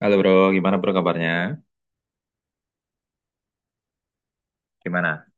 Halo bro, gimana bro kabarnya? Gimana?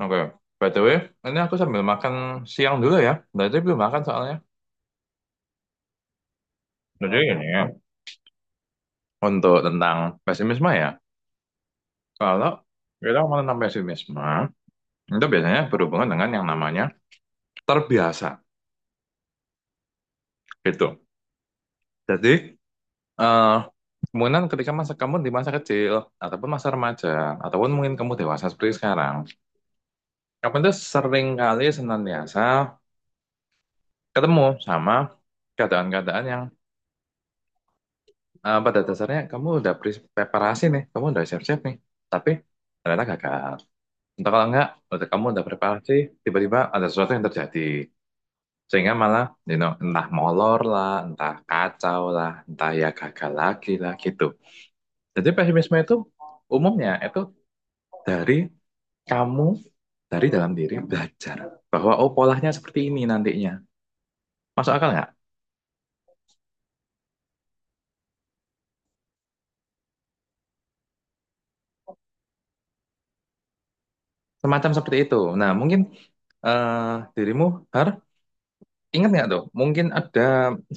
Oke, by the way, ini aku sambil makan siang dulu ya. Dari belum makan soalnya. Jadi ini ya, untuk tentang pesimisme ya. Kalau kita mau tentang pesimisme, itu biasanya berhubungan dengan yang namanya terbiasa gitu. Jadi, eh kemungkinan ketika masa kamu di masa kecil, ataupun masa remaja, ataupun mungkin kamu dewasa seperti sekarang, kamu itu sering kali senantiasa ketemu sama keadaan-keadaan yang pada dasarnya kamu udah preparasi nih, kamu udah siap-siap nih, tapi ternyata gagal. Entah kalau enggak, udah kamu udah preparasi, tiba-tiba ada sesuatu yang terjadi. Sehingga malah, you know, entah molor lah, entah kacau lah, entah ya gagal lagi lah gitu. Jadi pesimisme itu umumnya itu dari kamu, dari dalam diri belajar. Bahwa oh polanya seperti ini nantinya. Masuk akal nggak? Semacam seperti itu. Nah mungkin dirimu, Har, ingat nggak tuh? Mungkin ada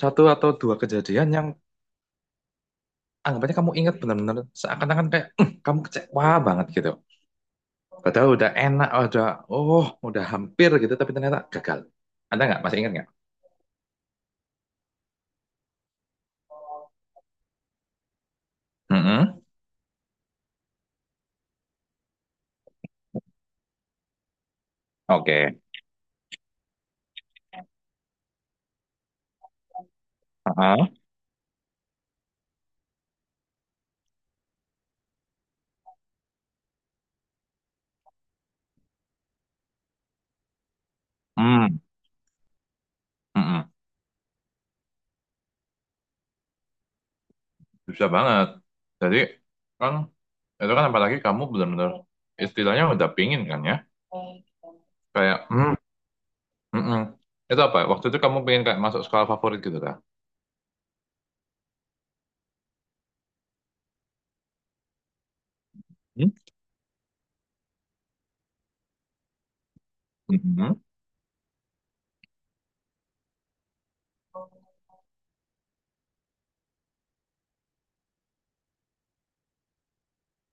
satu atau dua kejadian yang anggapannya kamu ingat benar-benar seakan-akan kayak, "Eh, kamu kecewa banget gitu. Padahal udah enak, udah oh udah hampir gitu, tapi ternyata gagal." Ada nggak? Masih ingat nggak? Mm-mm. Oke. Heeh. Hmm. Mm-mm. Bisa banget. Jadi kan itu kan apalagi kamu benar-benar istilahnya udah pingin kan ya. Kayak hmm, mm-mm. Itu apa? Waktu itu kamu pengen kayak masuk sekolah favorit gitu kan? Hmm? Mm-mm.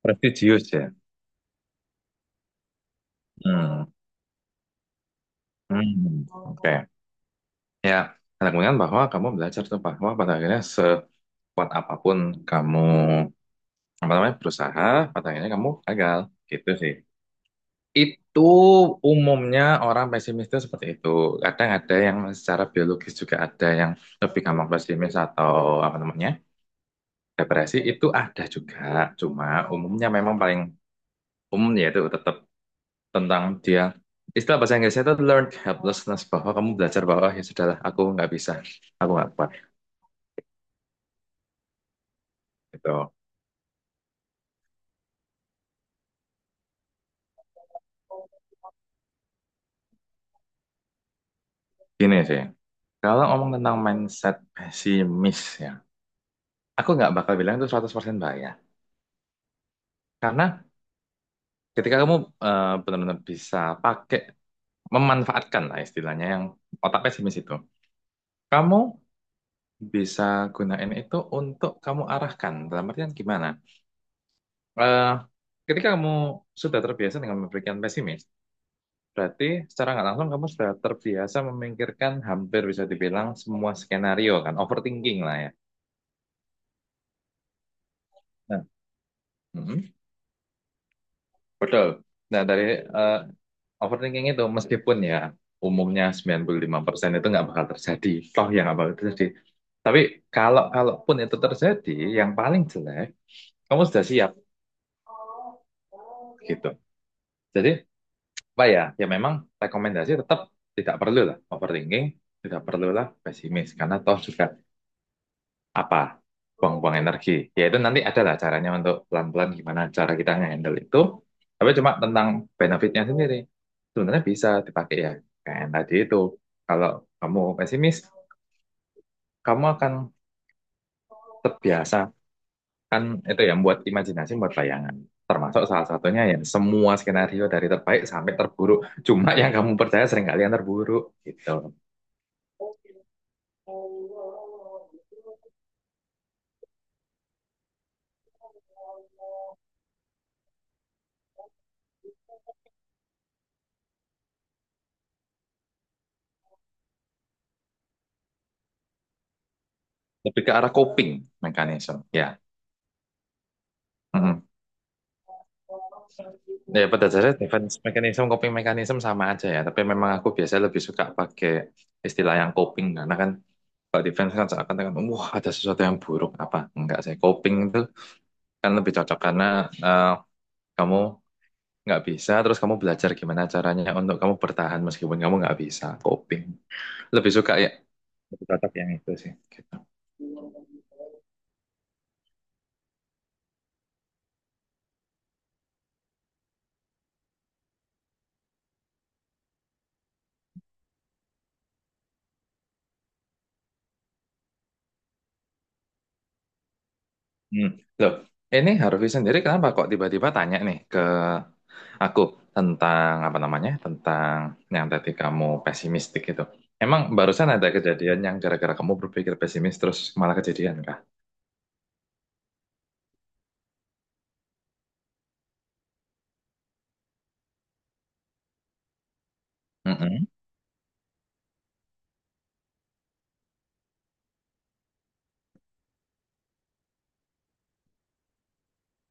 Prestisius ya. Hmm. Hmm, oke. Ya, kemungkinan bahwa kamu belajar tuh bahwa pada akhirnya sekuat apapun kamu apa namanya berusaha, pada akhirnya kamu gagal. Gitu sih. Itu umumnya orang pesimis itu seperti itu. Kadang ada yang secara biologis juga ada yang lebih gampang pesimis atau apa namanya depresi itu ada juga. Cuma umumnya memang paling umum yaitu tetap tentang dia, istilah bahasa Inggrisnya itu learned helplessness, bahwa kamu belajar bahwa ya sudahlah aku nggak bisa, aku nggak kuat. Gitu. Gini sih, kalau ngomong tentang mindset pesimis ya, aku nggak bakal bilang itu 100% bahaya. Karena ketika kamu benar-benar bisa pakai, memanfaatkan lah istilahnya yang otak pesimis itu, kamu bisa gunain itu untuk kamu arahkan. Dalam artian gimana? Eh, ketika kamu sudah terbiasa dengan memberikan pesimis, berarti secara nggak langsung kamu sudah terbiasa memikirkan hampir bisa dibilang semua skenario kan, overthinking lah ya. Nah, mm betul. Nah, dari eh, overthinking itu meskipun ya umumnya 95% itu nggak bakal terjadi, toh yang nggak bakal terjadi. Tapi kalau kalaupun itu terjadi, yang paling jelek, kamu sudah siap gitu. Jadi, apa ya? Ya memang rekomendasi tetap tidak perlu lah overthinking, tidak perlulah pesimis karena toh juga apa buang-buang energi, ya itu nanti ada lah caranya untuk pelan-pelan gimana cara kita nge-handle itu. Tapi cuma tentang benefitnya sendiri sebenarnya bisa dipakai ya, kayak yang tadi itu, kalau kamu pesimis kamu akan terbiasa kan itu ya buat imajinasi buat bayangan, termasuk salah satunya ya semua skenario dari terbaik sampai terburuk, cuma yang kamu percaya seringkali yang terburuk gitu. Lebih ke arah coping mekanisme ya. Mm-mm. Ya, pada dasarnya defense mechanism, coping mechanism sama aja ya. Tapi memang aku biasanya lebih suka pakai istilah yang coping. Karena kan kalau defense kan seakan-akan, kan, wah ada sesuatu yang buruk. Apa? Enggak sih. Coping itu kan lebih cocok karena eh, kamu nggak bisa, terus kamu belajar gimana caranya untuk kamu bertahan meskipun kamu nggak bisa. Coping. Lebih suka ya. Lebih cocok yang itu sih. Hmm. Loh, ini Harvey sendiri kenapa kok tiba-tiba tanya nih ke aku tentang apa namanya? Tentang yang tadi kamu pesimistik itu. Emang barusan ada kejadian yang gara-gara kamu berpikir pesimis terus malah kejadian kah? Mm-mm.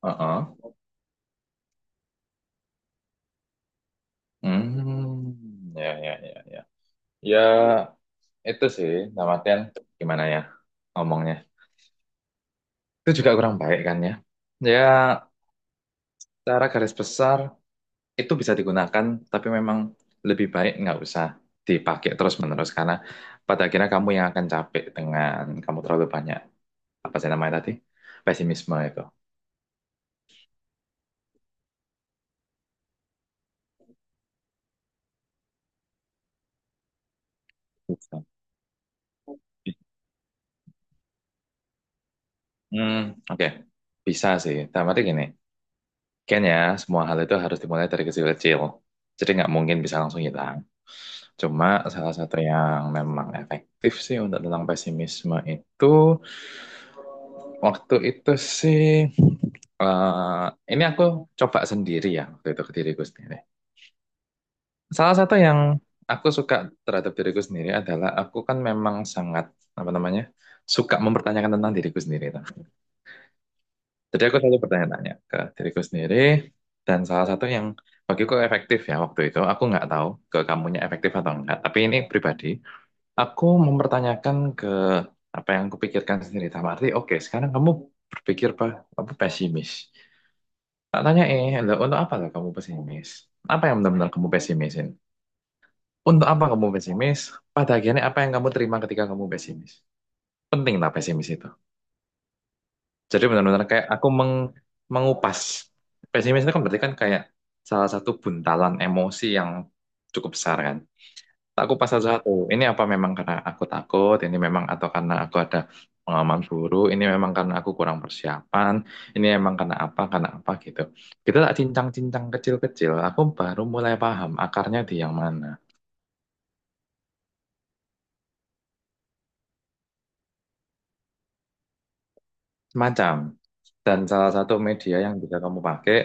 Uh-uh. Hmm. Ya, ya, ya, ya. Ya, itu sih, dalam artian gimana ya ngomongnya. Itu juga kurang baik kan ya. Ya, secara garis besar itu bisa digunakan, tapi memang lebih baik nggak usah dipakai terus-menerus karena pada akhirnya kamu yang akan capek dengan kamu terlalu banyak apa sih namanya tadi pesimisme itu. Bisa. Hmm, oke, bisa sih. Tapi arti gini, kayaknya semua hal itu harus dimulai dari kecil-kecil. Jadi nggak mungkin bisa langsung hilang. Cuma salah satu yang memang efektif sih untuk tentang pesimisme itu, waktu itu sih, eh, ini aku coba sendiri ya, waktu itu ke diriku sendiri. Salah satu yang aku suka terhadap diriku sendiri adalah aku kan memang sangat, apa namanya, suka mempertanyakan tentang diriku sendiri. Tuh. Jadi aku selalu bertanya-tanya ke diriku sendiri, dan salah satu yang bagiku efektif ya waktu itu, aku nggak tahu ke kamunya efektif atau enggak, tapi ini pribadi, aku mempertanyakan ke apa yang kupikirkan sendiri. Dalam arti, oke, sekarang kamu berpikir apa, apa pesimis. Tak tanya "Loh, untuk apa lah kamu pesimis? Apa yang benar-benar kamu pesimisin? Untuk apa kamu pesimis? Pada akhirnya apa yang kamu terima ketika kamu pesimis? Penting lah pesimis itu?" Jadi benar-benar kayak aku mengupas. Pesimis itu kan berarti kan kayak salah satu buntalan emosi yang cukup besar kan. Tak kupas satu-satu. Ini apa memang karena aku takut, ini memang atau karena aku ada pengalaman buruk, ini memang karena aku kurang persiapan, ini memang karena apa gitu. Kita tak cincang-cincang kecil-kecil, aku baru mulai paham akarnya di yang mana. Macam. Dan salah satu media yang bisa kamu pakai,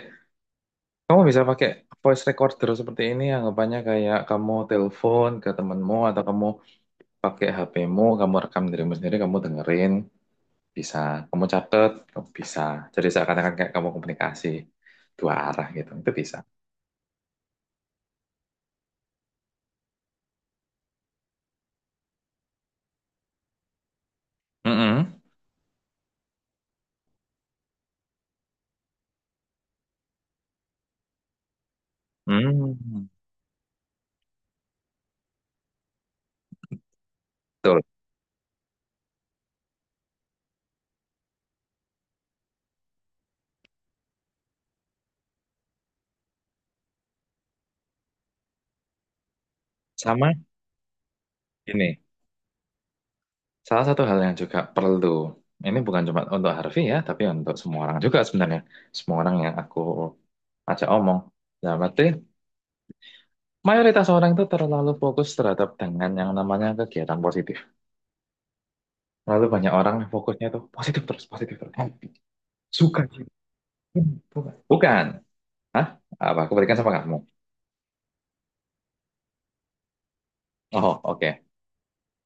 kamu bisa pakai voice recorder seperti ini, anggapannya kayak kamu telepon ke temenmu atau kamu pakai HP-mu, kamu rekam dirimu sendiri, kamu dengerin. Bisa kamu catat, kamu bisa jadi seakan-akan kayak kamu komunikasi dua arah gitu, itu bisa. Mm-mm. Hmm, betul. Sama, ini salah satu hal yang juga perlu, ini bukan cuma untuk Harvey ya tapi untuk semua orang juga sebenarnya, semua orang yang aku ajak omong, dalam arti mayoritas orang itu terlalu fokus terhadap dengan yang namanya kegiatan positif, lalu banyak orang yang fokusnya itu positif terus happy suka. Bukan, bukan. Hah? Apa aku berikan sama kamu. Oh, oke.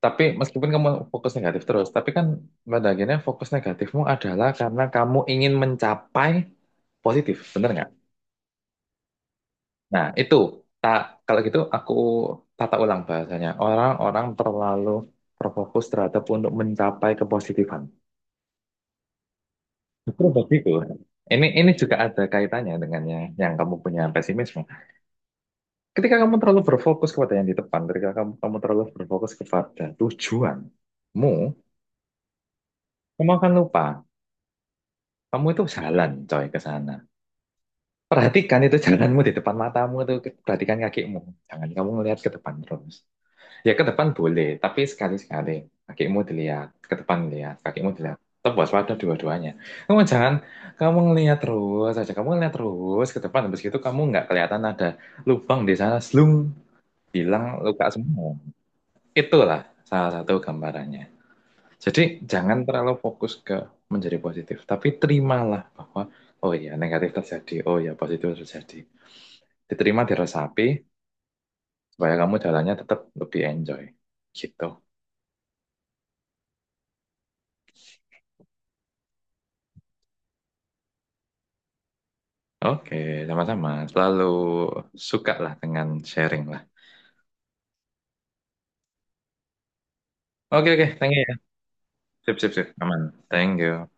Tapi meskipun kamu fokus negatif terus, tapi kan pada akhirnya fokus negatifmu adalah karena kamu ingin mencapai positif, bener nggak? Nah, itu. Tak, kalau gitu aku tata ulang bahasanya. Orang-orang terlalu terfokus terhadap untuk mencapai kepositifan. Justru begitu. Ini juga ada kaitannya dengan yang kamu punya pesimisme. Ketika kamu terlalu berfokus kepada yang di depan, ketika kamu, kamu terlalu berfokus kepada tujuanmu, kamu akan lupa. Kamu itu jalan coy ke sana. Perhatikan itu jalanmu di depan matamu tuh, perhatikan kakimu. Jangan kamu ngelihat ke depan terus. Ya ke depan boleh, tapi sekali-sekali kakimu dilihat, ke depan lihat, kakimu dilihat. Tetap waspada dua-duanya. Kamu jangan kamu ngelihat terus aja, kamu ngelihat terus ke depan. Habis itu kamu nggak kelihatan ada lubang di sana, slung, hilang luka semua. Itulah salah satu gambarannya. Jadi jangan terlalu fokus ke menjadi positif, tapi terimalah bahwa oh ya negatif terjadi, oh ya positif terjadi. Diterima, diresapi, supaya kamu jalannya tetap lebih enjoy. Gitu. Oke, sama-sama. Selalu suka lah dengan sharing lah. Oke, oke, thank you ya. Sip, sip, sip. Aman. Thank you.